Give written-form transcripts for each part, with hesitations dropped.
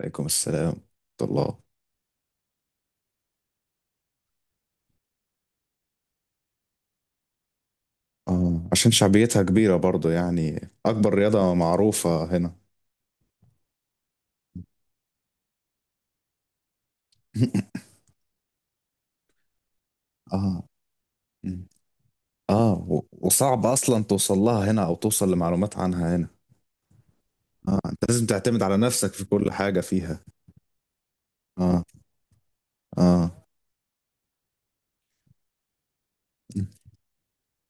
عليكم السلام ورحمة الله. اه، عشان شعبيتها كبيرة برضو، يعني أكبر رياضة معروفة هنا. اه. مم. اه، و- وصعب أصلا توصل لها هنا أو توصل لمعلومات عنها هنا. اه، أنت لازم تعتمد على نفسك في كل حاجة فيها. اه، اه،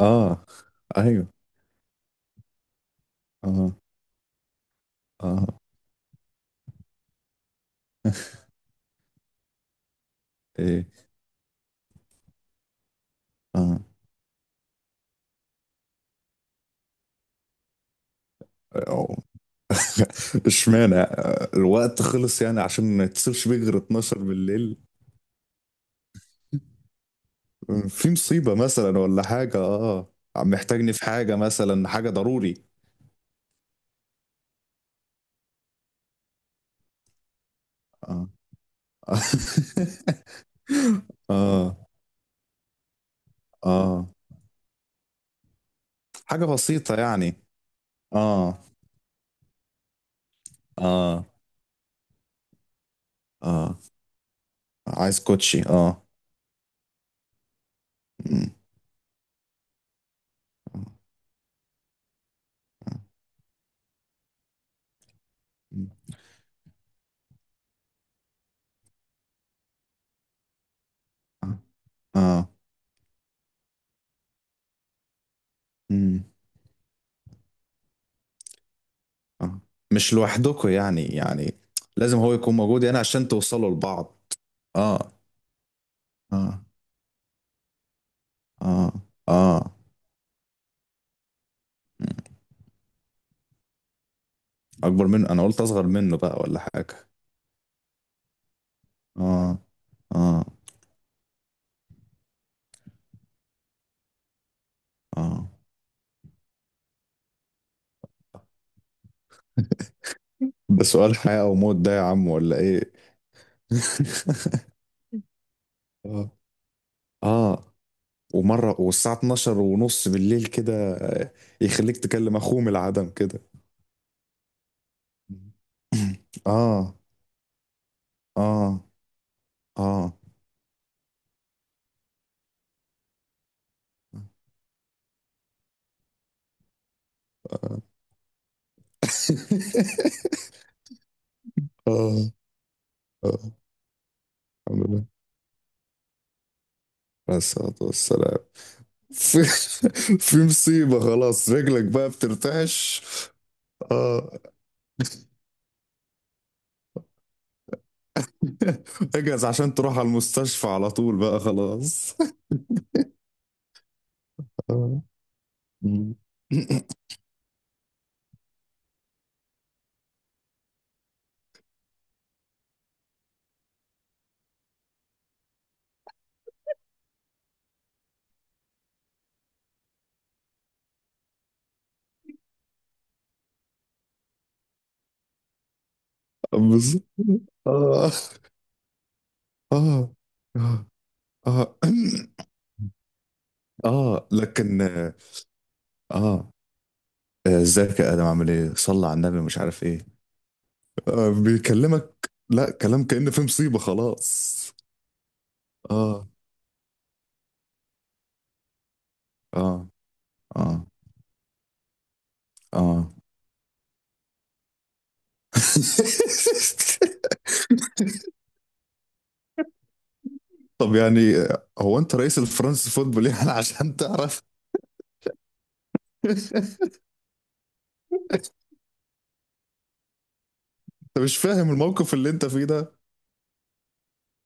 اه، أيوه، اه، اه. ايه، اه. أو- اشمعنى الوقت خلص يعني عشان ما يتصلش بيه غير 12 بالليل. في مصيبة مثلا ولا حاجة، اه. محتاجني في حاجة مثلا، حاجة ضروري. اه. اه، اه. حاجة بسيطة يعني. اه، اه، اه. عايز كوتشي، اه. مم. اه، اه. مم. آه. مش لوحدكم يعني. لازم هو يكون موجود يعني عشان توصلوا لبعض. اه، اه، اه، اه. مم. اكبر منه؟ انا قلت اصغر منه بقى ولا حاجة. اه، اه، اه. ده سؤال حياة أو موت ده يا عم ولا إيه؟ آه، آه، ومرة والساعة 12 ونص بالليل كده؟ يخليك تكلم أخوه من العدم كده. آه، آه، آه، آه. آه، آه. الحمد لله. عليه الصلاة والسلام. في في مصيبة خلاص، رجلك بقى بترتعش. آه. اجهز عشان تروح على المستشفى على طول بقى خلاص. آه. بالظبط. اه، اه، اه، اه. اه، لكن اه. آه، ازيك يا ادم عامل ايه، صلى على النبي، مش عارف ايه. آه، بيكلمك لا كلام، كأن في مصيبة خلاص. اه، اه، اه، اه. طب يعني، هو انت رئيس الفرنسي فوتبول يعني عشان تعرف؟ انت مش فاهم الموقف اللي انت فيه ده.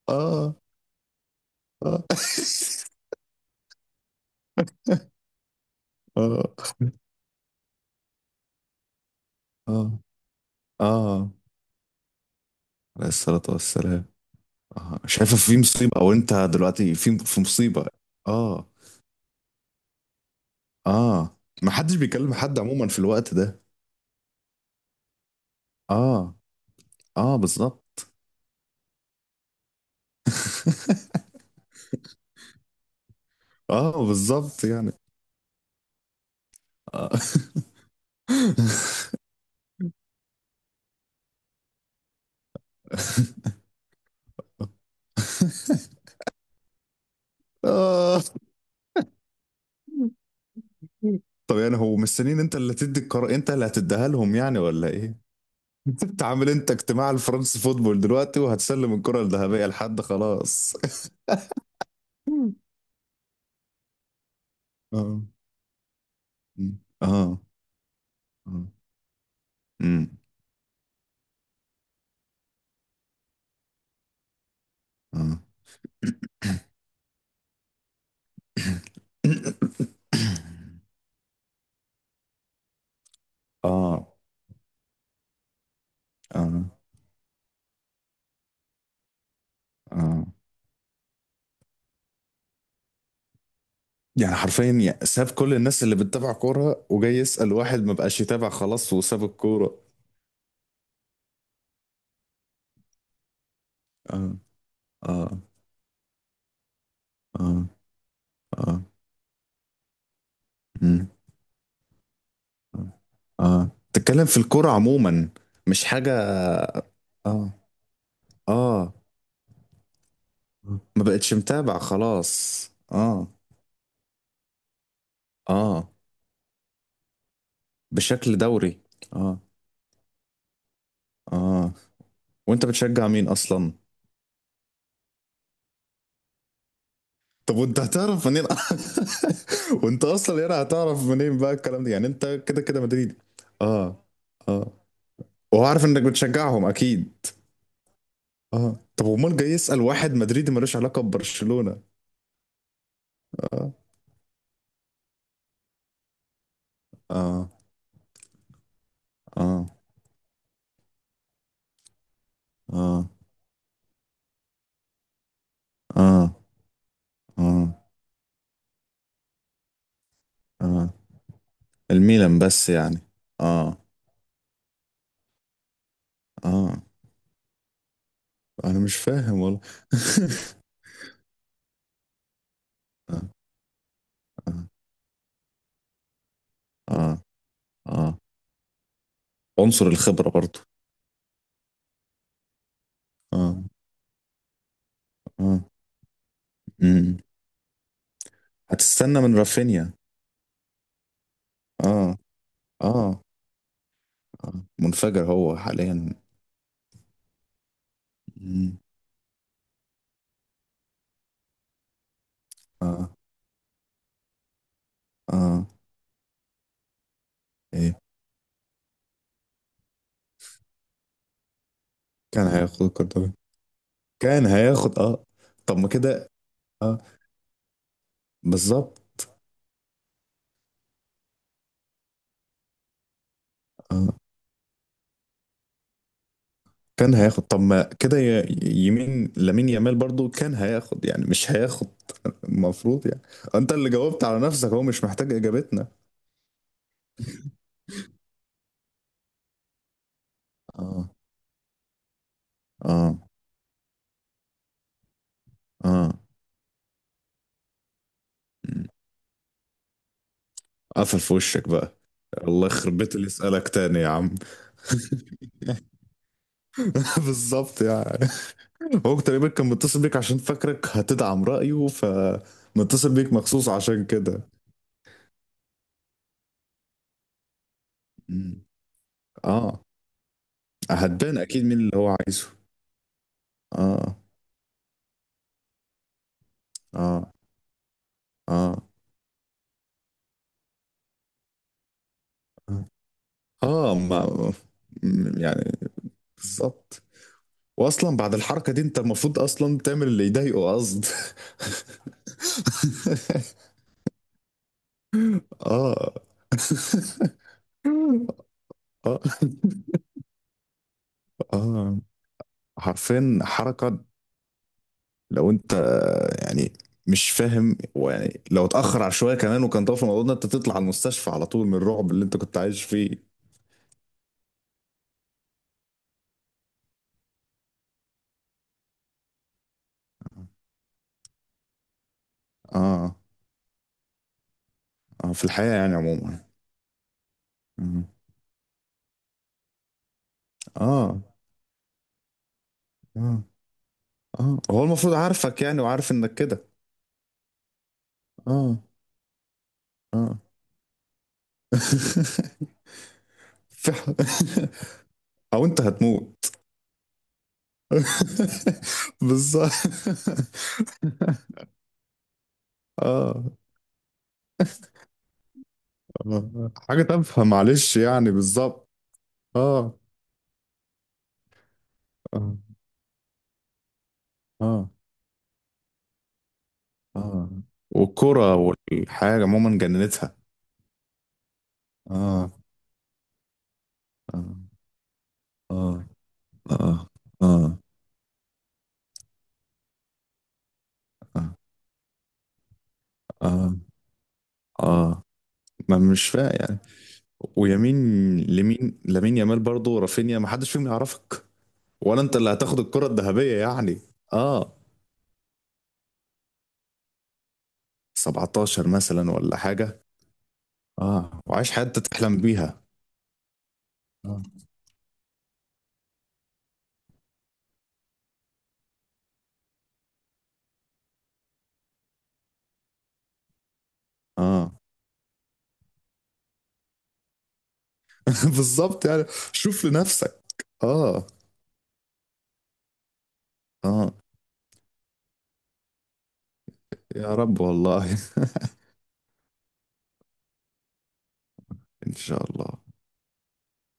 اه، اه، اه، اه، اه. عليه الصلاة والسلام. اه، شايفه في مصيبه او انت دلوقتي في مصيبه. اه، اه. ما حدش بيكلم حد عموما في الوقت ده. اه، اه، بالظبط. اه، بالظبط يعني. اه. اه. طب يعني هو مستنيين انت اللي تدي القرار، انت اللي هتديها لهم يعني ولا ايه؟ انت عامل انت اجتماع الفرنس فوتبول دلوقتي وهتسلم الكرة الذهبية لحد؟ خلاص. اه، اه، اه، امم، اه، اه، اه، اه. يعني حرفيا ساب كل الناس اللي بتتابع كورة وجاي يسأل واحد ما بقاش يتابع خلاص وساب الكورة. اه، اه، اه، اه. مم. اه، تتكلم في الكورة عموما، مش حاجة. اه، اه، ما بقتش متابع خلاص، اه. اه، بشكل دوري. اه، اه، وانت بتشجع مين اصلا؟ طب وانت هتعرف منين؟ وانت اصلا هنا هتعرف منين بقى الكلام ده يعني؟ انت كده كده مدريدي. اه، اه، وهو عارف انك بتشجعهم اكيد. اه، طب امال جاي يسأل واحد مدريدي ملوش علاقة ببرشلونة؟ اه، اه، اه، اه، اه، اه، اه، الميلان بس يعني. اه، اه، انا مش فاهم والله. اه، اه، اه، اه، عنصر الخبرة برضو. اه، اه، امم، هتستنى من رافينيا. اه، اه، آه. منفجر هو حاليا. مم. اه، اه، ايه؟ كان هياخد الكرة، كان هياخد اه. طب ما كده، اه. بالظبط. اه، كان هياخد؟ طب ما كده، يمين لامين يامال برضو كان هياخد، يعني مش هياخد. المفروض يعني. انت اللي جاوبت على نفسك، هو مش محتاج اجابتنا. اه، اه، اه. مم. قفل في وشك بقى. الله يخرب بيت اللي يسألك تاني يا عم. بالظبط يعني. هو تقريبا كان متصل بيك عشان فاكرك هتدعم رأيه، فمتصل بيك مخصوص عشان كده. مم. اه، هتبان اكيد مين اللي هو عايزه. اه، اه، اه، اه، آه، ما يعني. بالظبط. واصلا بعد الحركة دي، انت المفروض اصلا تعمل اللي يضايقه قصد. اه. اه، اه، حرفيا حركة. لو انت يعني مش فاهم، ويعني لو اتأخر على شوية كمان وكان طرف الموضوع ده، انت تطلع على المستشفى على طول من الرعب اللي انت كنت عايش فيه. اه، اه، في الحياة يعني عموما. مم. اه، اه، اه، هو المفروض عارفك يعني وعارف انك كده. اه، اه. فعلا. او انت هتموت. بالظبط. اه، آه، حاجة تافهة معلش يعني، بالظبط. اه، اه، اه، اه، والكرة والحاجة عموما جننتها. اه، اه، اه، اه، اه، اه، اه، اه. ما مش فاهم يعني. ويمين لمين؟ لامين يامال برضه؟ رافينيا؟ ما حدش فيهم يعرفك. ولا انت اللي هتاخد الكرة الذهبية يعني. اه، 17 مثلا ولا حاجة. اه، وعايش حياتك تحلم بيها. اه، اه. بالظبط يعني، شوف لنفسك. اه، اه، يا رب والله. ان شاء الله.